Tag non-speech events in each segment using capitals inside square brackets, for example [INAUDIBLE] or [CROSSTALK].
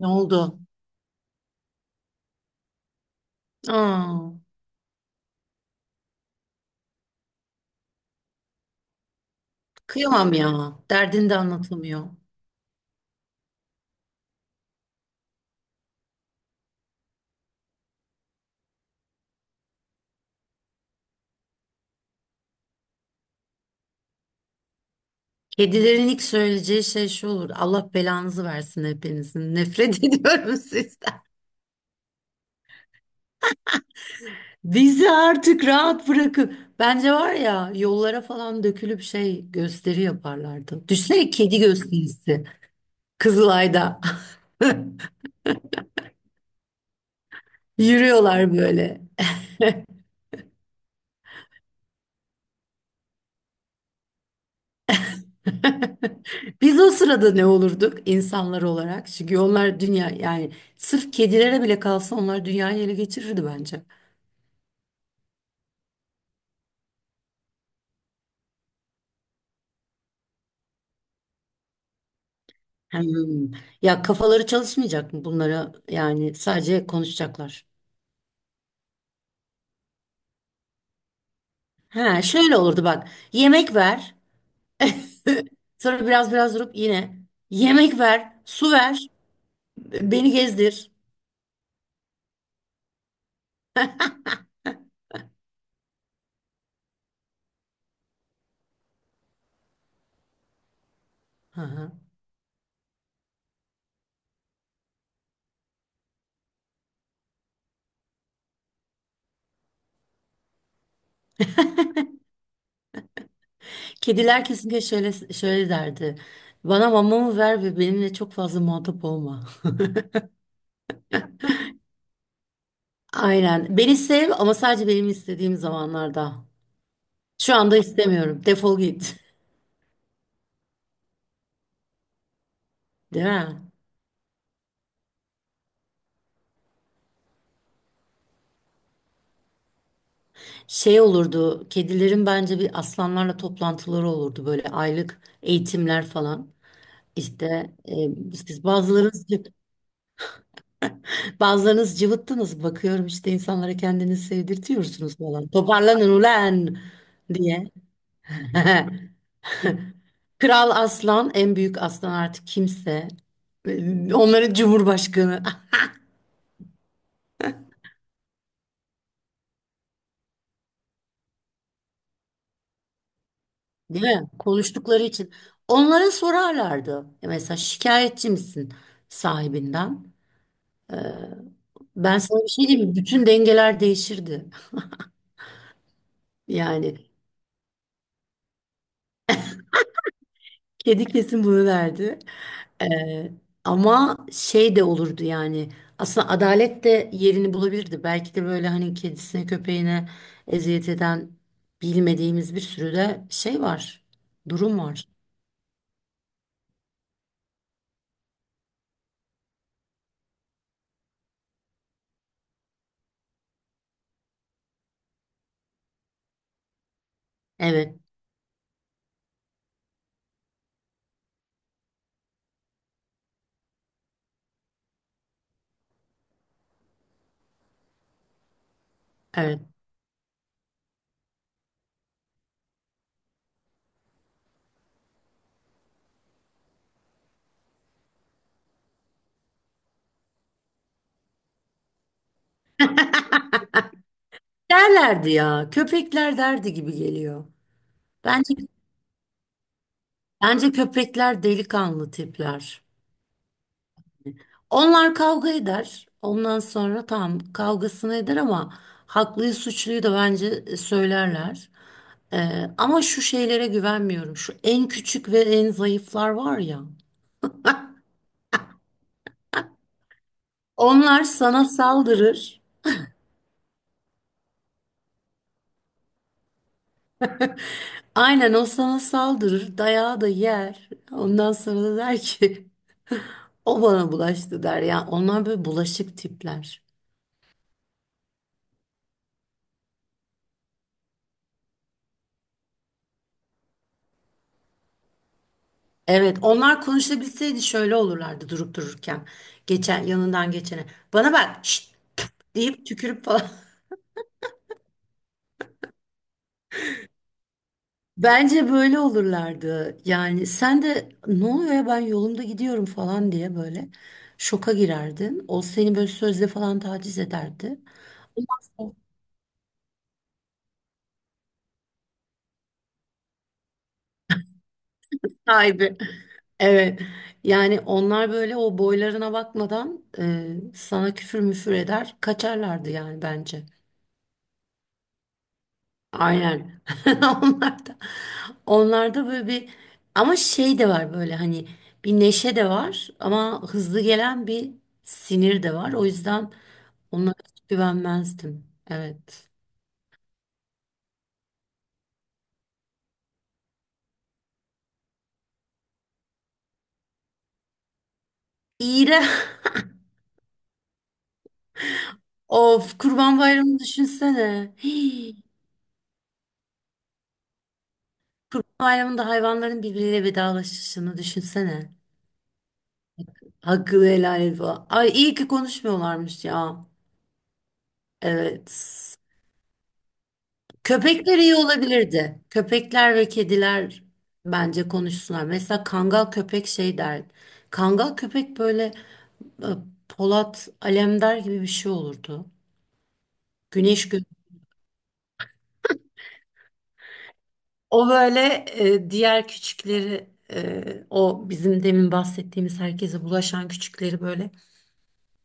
Ne oldu? Aa, kıyamam ya. Derdini de anlatamıyor. Kedilerin ilk söyleyeceği şey şu olur. Allah belanızı versin hepinizin. Nefret [LAUGHS] ediyorum sizden. Bizi artık rahat bırakın. Bence var ya yollara falan dökülüp şey gösteri yaparlardı. Düşünsene kedi gösterisi. Kızılay'da. [LAUGHS] Yürüyorlar böyle. [LAUGHS] Biz o sırada ne olurduk insanlar olarak? Çünkü onlar dünya yani sırf kedilere bile kalsa onlar dünyayı ele geçirirdi bence. Hmm. Ya kafaları çalışmayacak mı bunlara? Yani sadece konuşacaklar. Ha, şöyle olurdu bak. Yemek ver. [CLEARS THROAT] [LAUGHS] Sonra biraz durup yine yemek ver, su ver, beni gezdir. Hı hı. Kediler kesinlikle şöyle şöyle derdi. Bana mamamı ver ve benimle çok fazla muhatap olma. [LAUGHS] Aynen. Beni sev ama sadece benim istediğim zamanlarda. Şu anda istemiyorum. Defol git. [LAUGHS] Değil mi? Şey olurdu, kedilerin bence bir aslanlarla toplantıları olurdu böyle aylık eğitimler falan. İşte e, siz bazılarınız [LAUGHS] bazılarınız cıvıttınız bakıyorum işte insanlara kendinizi sevdirtiyorsunuz falan. Toparlanın ulan diye. [LAUGHS] Kral aslan, en büyük aslan artık kimse. Onların cumhurbaşkanı. [LAUGHS] Değil mi? Konuştukları için. Onlara sorarlardı. Mesela şikayetçi misin sahibinden? E, Ben sana bir şey diyeyim mi? Bütün dengeler değişirdi. Yani kedi kesin bunu derdi. Ee, ama şey de olurdu yani. Aslında adalet de yerini bulabilirdi. Belki de böyle hani kedisine köpeğine eziyet eden bilmediğimiz bir sürü de şey var. Durum var. Evet, evet. Derlerdi ya. Köpekler derdi gibi geliyor. Bence bence köpekler delikanlı tipler. Onlar kavga eder. Ondan sonra tamam kavgasını eder ama haklıyı suçluyu da bence söylerler. Ama şu şeylere güvenmiyorum. Şu en küçük ve en zayıflar var ya. Onlar sana saldırır. Aynen o sana saldırır. Dayağı da yer. Ondan sonra da der ki [LAUGHS] o bana bulaştı der. Yani onlar böyle bulaşık tipler. Evet, onlar konuşabilseydi şöyle olurlardı durup dururken. Geçen yanından geçene. Bana bak şşt deyip tükürüp falan. [LAUGHS] Bence böyle olurlardı. Yani sen de ne oluyor ya ben yolumda gidiyorum falan diye böyle şoka girerdin. O seni böyle sözle falan taciz ederdi. Olmaz. Sahibi. [LAUGHS] Evet. Yani onlar böyle o boylarına bakmadan sana küfür müfür eder, kaçarlardı yani bence. Aynen. [LAUGHS] Onlarda onlarda böyle bir ama şey de var böyle hani bir neşe de var ama hızlı gelen bir sinir de var. O yüzden onlara hiç güvenmezdim. Evet. İğre. [LAUGHS] Of Kurban Bayramı'nı düşünsene. [GASPS] Hii. Kurban Bayramı'nda hayvanların birbiriyle vedalaşışını düşünsene. Hakkını helal et falan. Ay iyi ki konuşmuyorlarmış ya. Evet. Köpekler iyi olabilirdi. Köpekler ve kediler bence konuşsunlar. Mesela kangal köpek şey der. Kangal köpek böyle e, Polat Alemdar gibi bir şey olurdu. Güneş gö O böyle diğer küçükleri o bizim demin bahsettiğimiz herkese bulaşan küçükleri böyle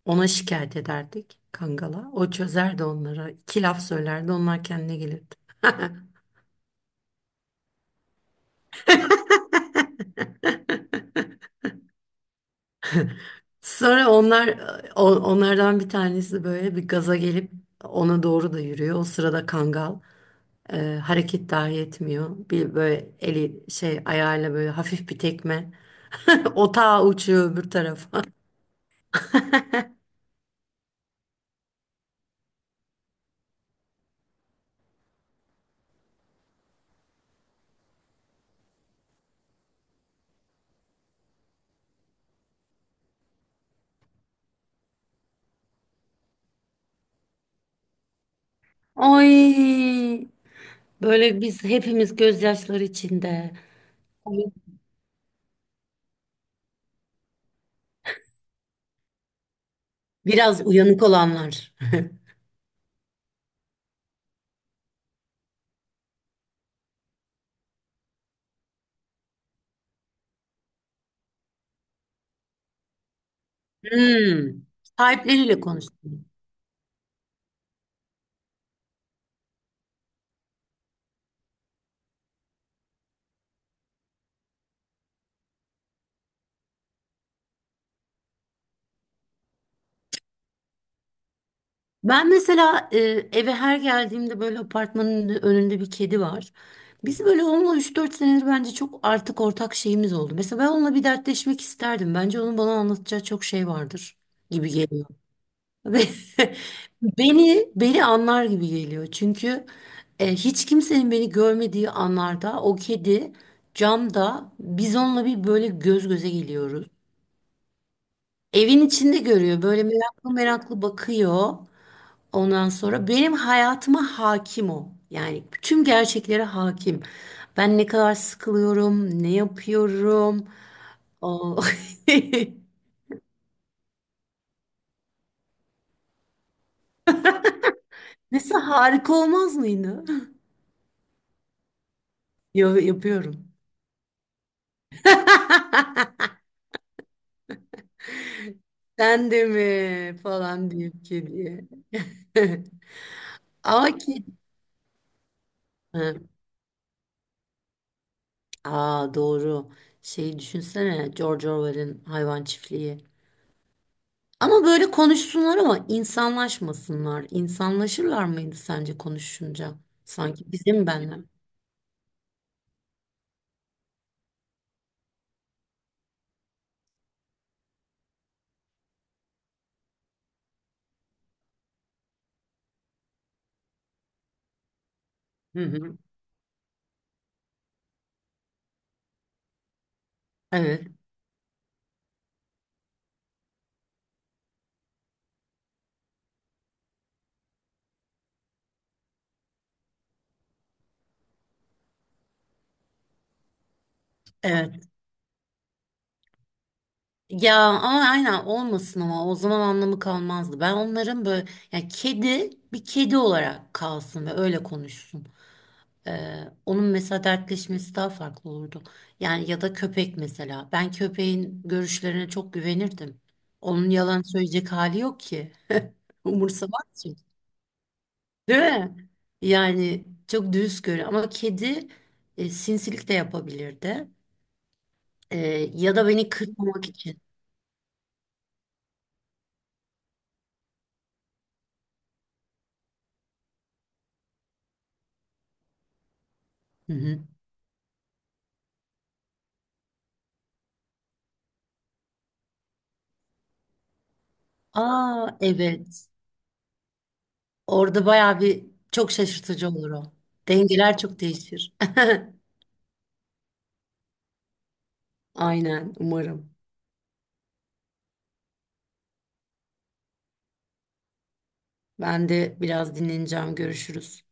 ona şikayet ederdik kangala. O çözerdi onlara. İki laf söylerdi onlar kendine gelir. Sonra onlar o- onlardan bir tanesi böyle bir gaza gelip ona doğru da yürüyor. O sırada Kangal e, hareket dahi etmiyor. Bir böyle eli şey ayağıyla böyle hafif bir tekme. [LAUGHS] Otağa uçuyor öbür tarafa. Ay böyle biz hepimiz gözyaşları içinde. Biraz uyanık olanlar. Hmm. Sahipleriyle konuştum. Ben mesela eve her geldiğimde böyle apartmanın önünde bir kedi var. Biz böyle onunla üç dört senedir bence çok artık ortak şeyimiz oldu. Mesela ben onunla bir dertleşmek isterdim. Bence onun bana anlatacağı çok şey vardır gibi geliyor. [LAUGHS] Ve beni anlar gibi geliyor. Çünkü hiç kimsenin beni görmediği anlarda o kedi camda biz onunla bir böyle göz göze geliyoruz. Evin içinde görüyor. Böyle meraklı meraklı bakıyor. Ondan sonra benim hayatıma hakim o. Yani bütün gerçeklere hakim. Ben ne kadar sıkılıyorum, ne yapıyorum. O... [LAUGHS] Mesela harika olmaz mıydı? Yo, yapıyorum. [LAUGHS] Sen de mi falan deyip kediye. [LAUGHS] Ama kedi. Ha, Aa doğru. Şeyi düşünsene George Orwell'in Hayvan Çiftliği. Ama böyle konuşsunlar ama insanlaşmasınlar. İnsanlaşırlar mıydı sence konuşunca? Sanki bizim benle. Hı hı. Evet, evet. Ya ama aynen olmasın ama o zaman anlamı kalmazdı. Ben onların böyle yani kedi bir kedi olarak kalsın ve öyle konuşsun. Onun mesela dertleşmesi daha farklı olurdu. Yani ya da köpek mesela. Ben köpeğin görüşlerine çok güvenirdim. Onun yalan söyleyecek hali yok ki. [LAUGHS] Umursamaz Değil mi? Yani çok düz görüyor ama kedi sinsilik de yapabilirdi. E, ya da beni kırmamak için. Hı hı. Aa evet. Orada bayağı bir çok şaşırtıcı olur o. Dengeler çok değişir. [LAUGHS] Aynen umarım. Ben de biraz dinleneceğim. Görüşürüz.